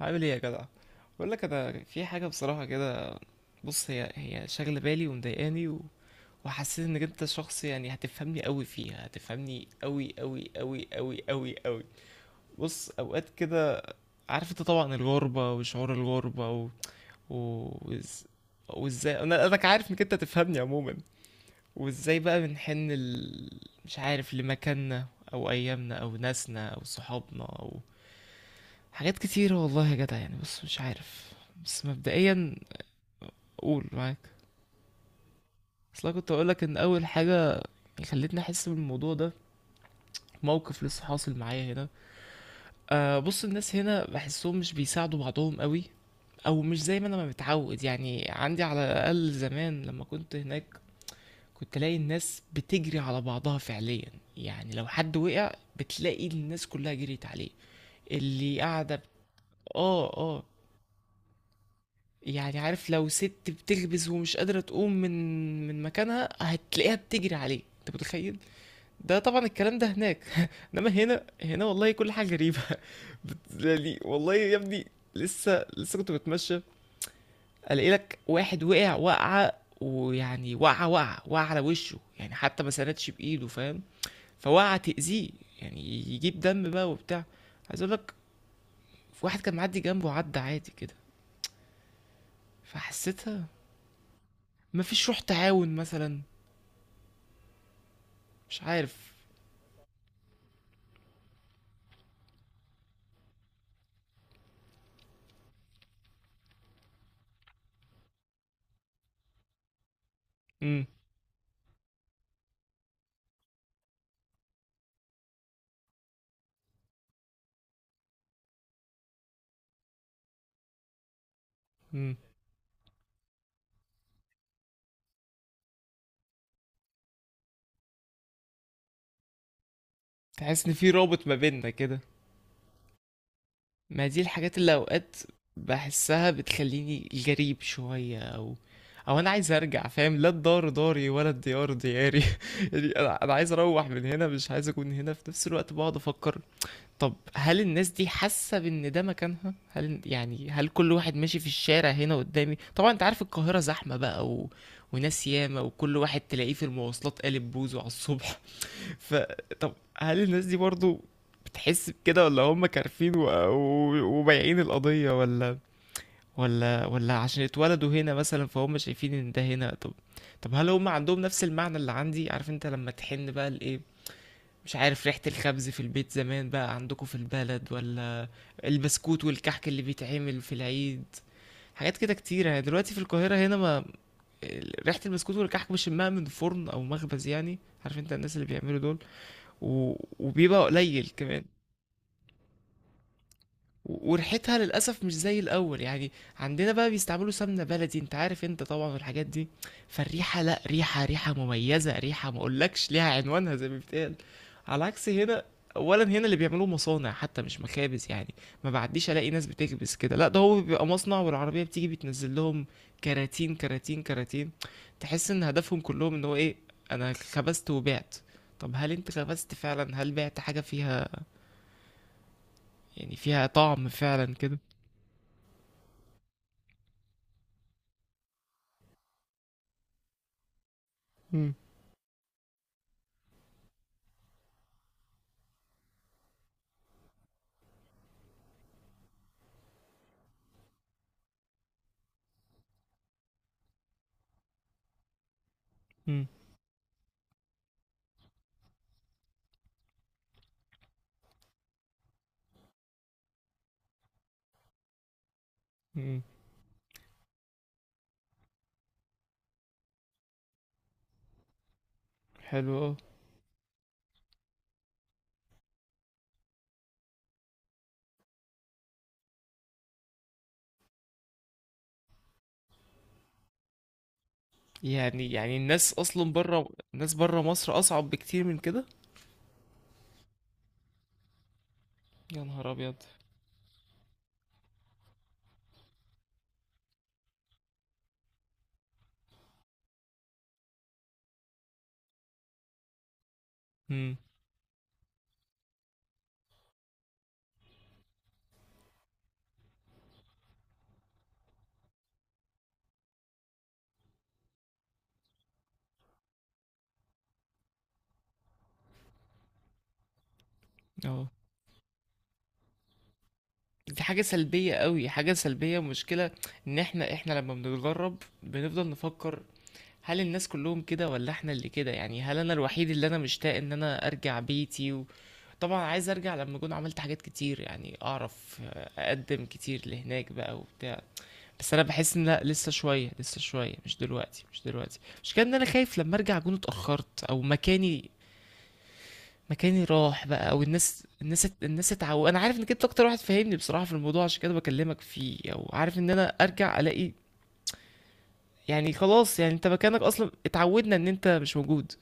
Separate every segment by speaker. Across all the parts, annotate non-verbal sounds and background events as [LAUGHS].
Speaker 1: عامل ايه يا جدع؟ بقول لك انا في حاجه بصراحه كده. بص، هي شاغله بالي ومضايقاني و... وحسيت انك انت شخص، يعني هتفهمني قوي فيها، هتفهمني قوي قوي قوي قوي قوي قوي. بص اوقات كده، عارف انت طبعا الغربه وشعور الغربه و... و... وإز- وازاي، انا عارف انك انت تفهمني عموما. وازاي بقى بنحن مش عارف لمكاننا، او ايامنا، او ناسنا، او صحابنا. حاجات كتيرة والله يا جدع، يعني بص مش عارف. بس مبدئيا قول معاك. اصل أنا كنت اقولك ان اول حاجة خلتني احس بالموضوع ده، موقف لسه حاصل معايا هنا. آه بص، الناس هنا بحسهم مش بيساعدوا بعضهم قوي، او مش زي ما انا ما متعود، يعني عندي على الاقل زمان لما كنت هناك كنت الاقي الناس بتجري على بعضها فعليا. يعني لو حد وقع بتلاقي الناس كلها جريت عليه، اللي قاعدة اه اه. يعني عارف، لو ست بتخبز ومش قادرة تقوم من مكانها هتلاقيها بتجري عليه، انت متخيل؟ ده طبعا الكلام ده هناك. [LAUGHS] انما هنا والله كل حاجة غريبة. [LAUGHS] يعني والله يا ابني، لسه لسه كنت بتمشى الاقي لك واحد وقع وقعة، ويعني وقعة، وقعة وقع على وشه، يعني حتى ما سندش بايده، فاهم؟ فوقعة تأذيه، يعني يجيب دم بقى وبتاع. عايز اقول لك، في واحد كان معدي جنبه عدى عادي كده. فحسيتها مفيش روح تعاون مثلا، مش عارف. امم، امم. تحس ان في رابط ما بيننا كده. ما دي الحاجات اللي اوقات بحسها بتخليني جريب شوية، او او انا عايز ارجع، فاهم؟ لا الدار داري ولا الديار دياري. [LAUGHS] يعني انا عايز اروح من هنا، مش عايز اكون هنا في نفس الوقت، بقعد افكر. طب هل الناس دي حاسة بان ده مكانها؟ هل، يعني هل كل واحد ماشي في الشارع هنا قدامي، طبعا انت عارف القاهرة زحمة بقى وناس ياما، وكل واحد تلاقيه في المواصلات قالب بوزه على الصبح، فطب هل الناس دي برضو بتحس بكده، ولا هم كارفين و... و... وبايعين القضية، ولا ولا عشان اتولدوا هنا مثلا فهم شايفين ان ده هنا؟ طب، طب هل هم عندهم نفس المعنى اللي عندي؟ عارف انت لما تحن بقى لايه، مش عارف ريحة الخبز في البيت زمان بقى عندكم في البلد؟ ولا البسكوت والكحك اللي بيتعمل في العيد، حاجات كده كتيرة يعني. دلوقتي في القاهرة هنا ما ريحة البسكوت والكحك بشمها من فرن أو مخبز، يعني عارف انت الناس اللي بيعملوا دول و... وبيبقى قليل كمان، وريحتها للأسف مش زي الأول. يعني عندنا بقى بيستعملوا سمنة بلدي، انت عارف انت طبعا الحاجات دي، فالريحة لا، ريحة، ريحة مميزة، ريحة ما اقولكش ليها عنوانها زي ما بيتقال، على عكس هنا. اولا هنا اللي بيعملوه مصانع حتى مش مخابز، يعني ما بعديش الاقي ناس بتكبس كده، لا ده هو بيبقى مصنع والعربيه بتيجي بتنزل لهم كراتين كراتين كراتين. تحس ان هدفهم كلهم ان هو ايه، انا خبزت وبعت. طب هل انت خبزت فعلا؟ هل بعت حاجه فيها يعني، فيها طعم فعلا كده؟ مم. مم. مم. حلو أوي. يعني يعني الناس اصلا بره، الناس بره مصر اصعب بكتير من كده. يا نهار ابيض. امم. اه. دي حاجه سلبيه قوي، حاجه سلبيه، مشكله. ان احنا لما بنتغرب بنفضل نفكر، هل الناس كلهم كده، ولا احنا اللي كده؟ يعني هل انا الوحيد اللي انا مشتاق ان انا ارجع بيتي؟ وطبعا عايز ارجع لما اكون عملت حاجات كتير، يعني اعرف اقدم كتير لهناك بقى وبتاع. بس انا بحس ان لا، لسه شويه، لسه شويه، مش دلوقتي، مش دلوقتي، مش كده. ان انا خايف لما ارجع اكون اتاخرت، او مكاني، مكاني راح بقى، او الناس، الناس، الناس اتعود. انا عارف انك انت اكتر واحد فاهمني بصراحه في الموضوع، عشان كده بكلمك فيه. او عارف ان انا ارجع الاقي، يعني خلاص، يعني انت مكانك اصلا اتعودنا ان انت مش موجود.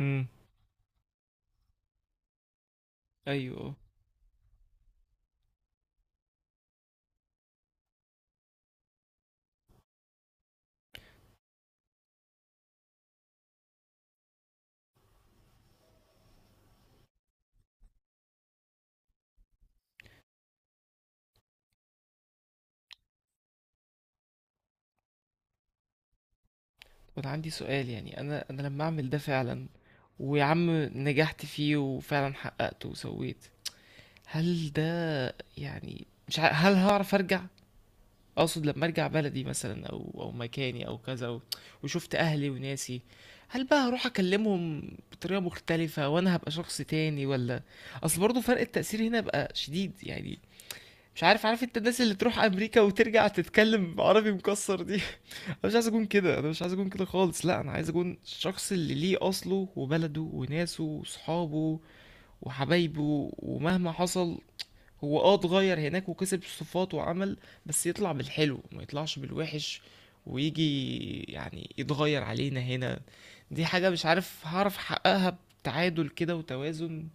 Speaker 1: امم. ايوه. وانا عندي سؤال، يعني انا لما اعمل ده فعلا، ويا عم نجحت فيه وفعلا حققته وسويت، هل ده يعني مش ع... هل هعرف ارجع؟ اقصد لما ارجع بلدي مثلا، او او مكاني، او كذا وشفت اهلي وناسي، هل بقى هروح اكلمهم بطريقه مختلفه وانا هبقى شخص تاني؟ ولا، اصل برضه فرق التأثير هنا بقى شديد يعني، مش عارف، عارف انت الناس اللي تروح امريكا وترجع تتكلم عربي مكسر دي. [LAUGHS] انا مش عايز اكون كده، انا مش عايز اكون كده خالص. لا، انا عايز اكون الشخص اللي ليه اصله وبلده وناسه وصحابه وحبايبه، ومهما حصل هو اه اتغير هناك وكسب الصفات وعمل، بس يطلع بالحلو ما يطلعش بالوحش، ويجي يعني يتغير علينا هنا. دي حاجة مش عارف هعرف احققها بتعادل كده وتوازن،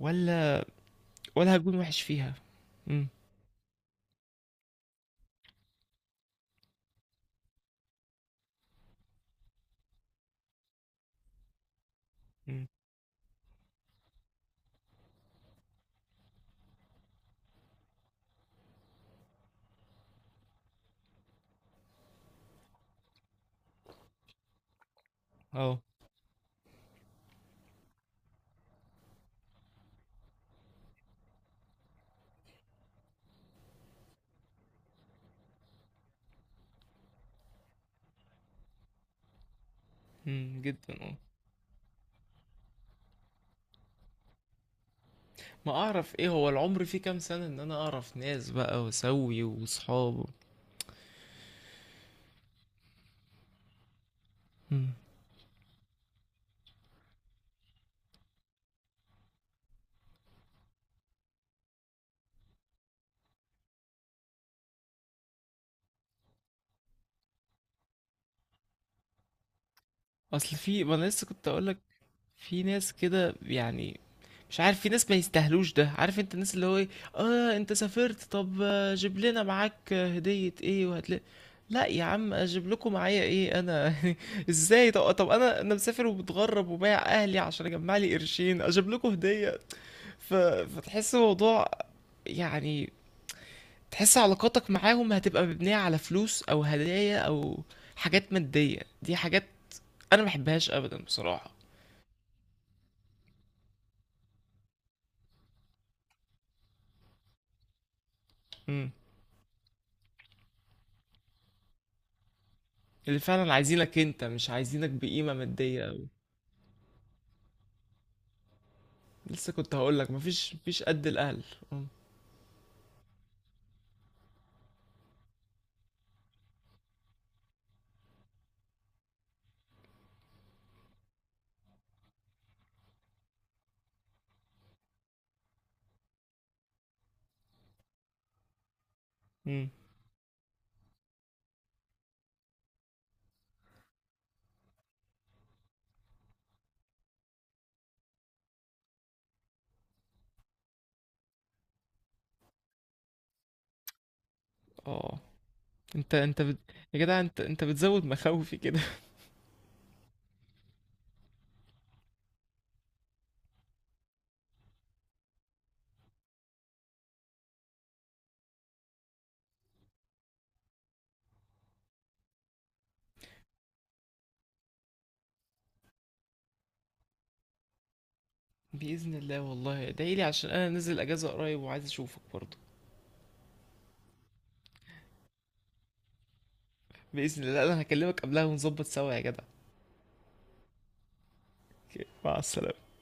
Speaker 1: ولا هكون وحش فيها؟ امم. امم. اه. جدا اه. ما اعرف ايه هو العمر فيه كام سنة ان انا اعرف ناس بقى واسوي واصحاب؟ امم. اصل في، ما انا لسه كنت اقولك، في ناس كده، يعني مش عارف، في ناس ما يستاهلوش، ده عارف انت الناس اللي هو ايه. اه انت سافرت، طب آه، جيب لنا معاك آه، هدية ايه وهتلاقي. لا يا عم، اجيب لكم معايا ايه انا؟ [LAUGHS] ازاي؟ طب, طب انا مسافر ومتغرب وبايع اهلي عشان اجمع لي قرشين، اجيب لكم هدية؟ ف... فتحس الموضوع يعني، تحس علاقاتك معاهم هتبقى مبنية على فلوس، او هدايا، او حاجات مادية. دي حاجات انا ما بحبهاش ابدا بصراحة. امم. اللي فعلا عايزينك انت، مش عايزينك بقيمة مادية. لسه كنت هقول لك، مفيش مفيش قد الاهل. اه. امم. آه. انت انت بت... يا جدع انت بتزود مخاوفي كده. [LAUGHS] باذن الله، والله ادعي لي عشان انا نزل اجازه قريب وعايز اشوفك برضه. باذن الله. لا، انا هكلمك قبلها ونظبط سوا يا جدع. أوكي، مع السلامه.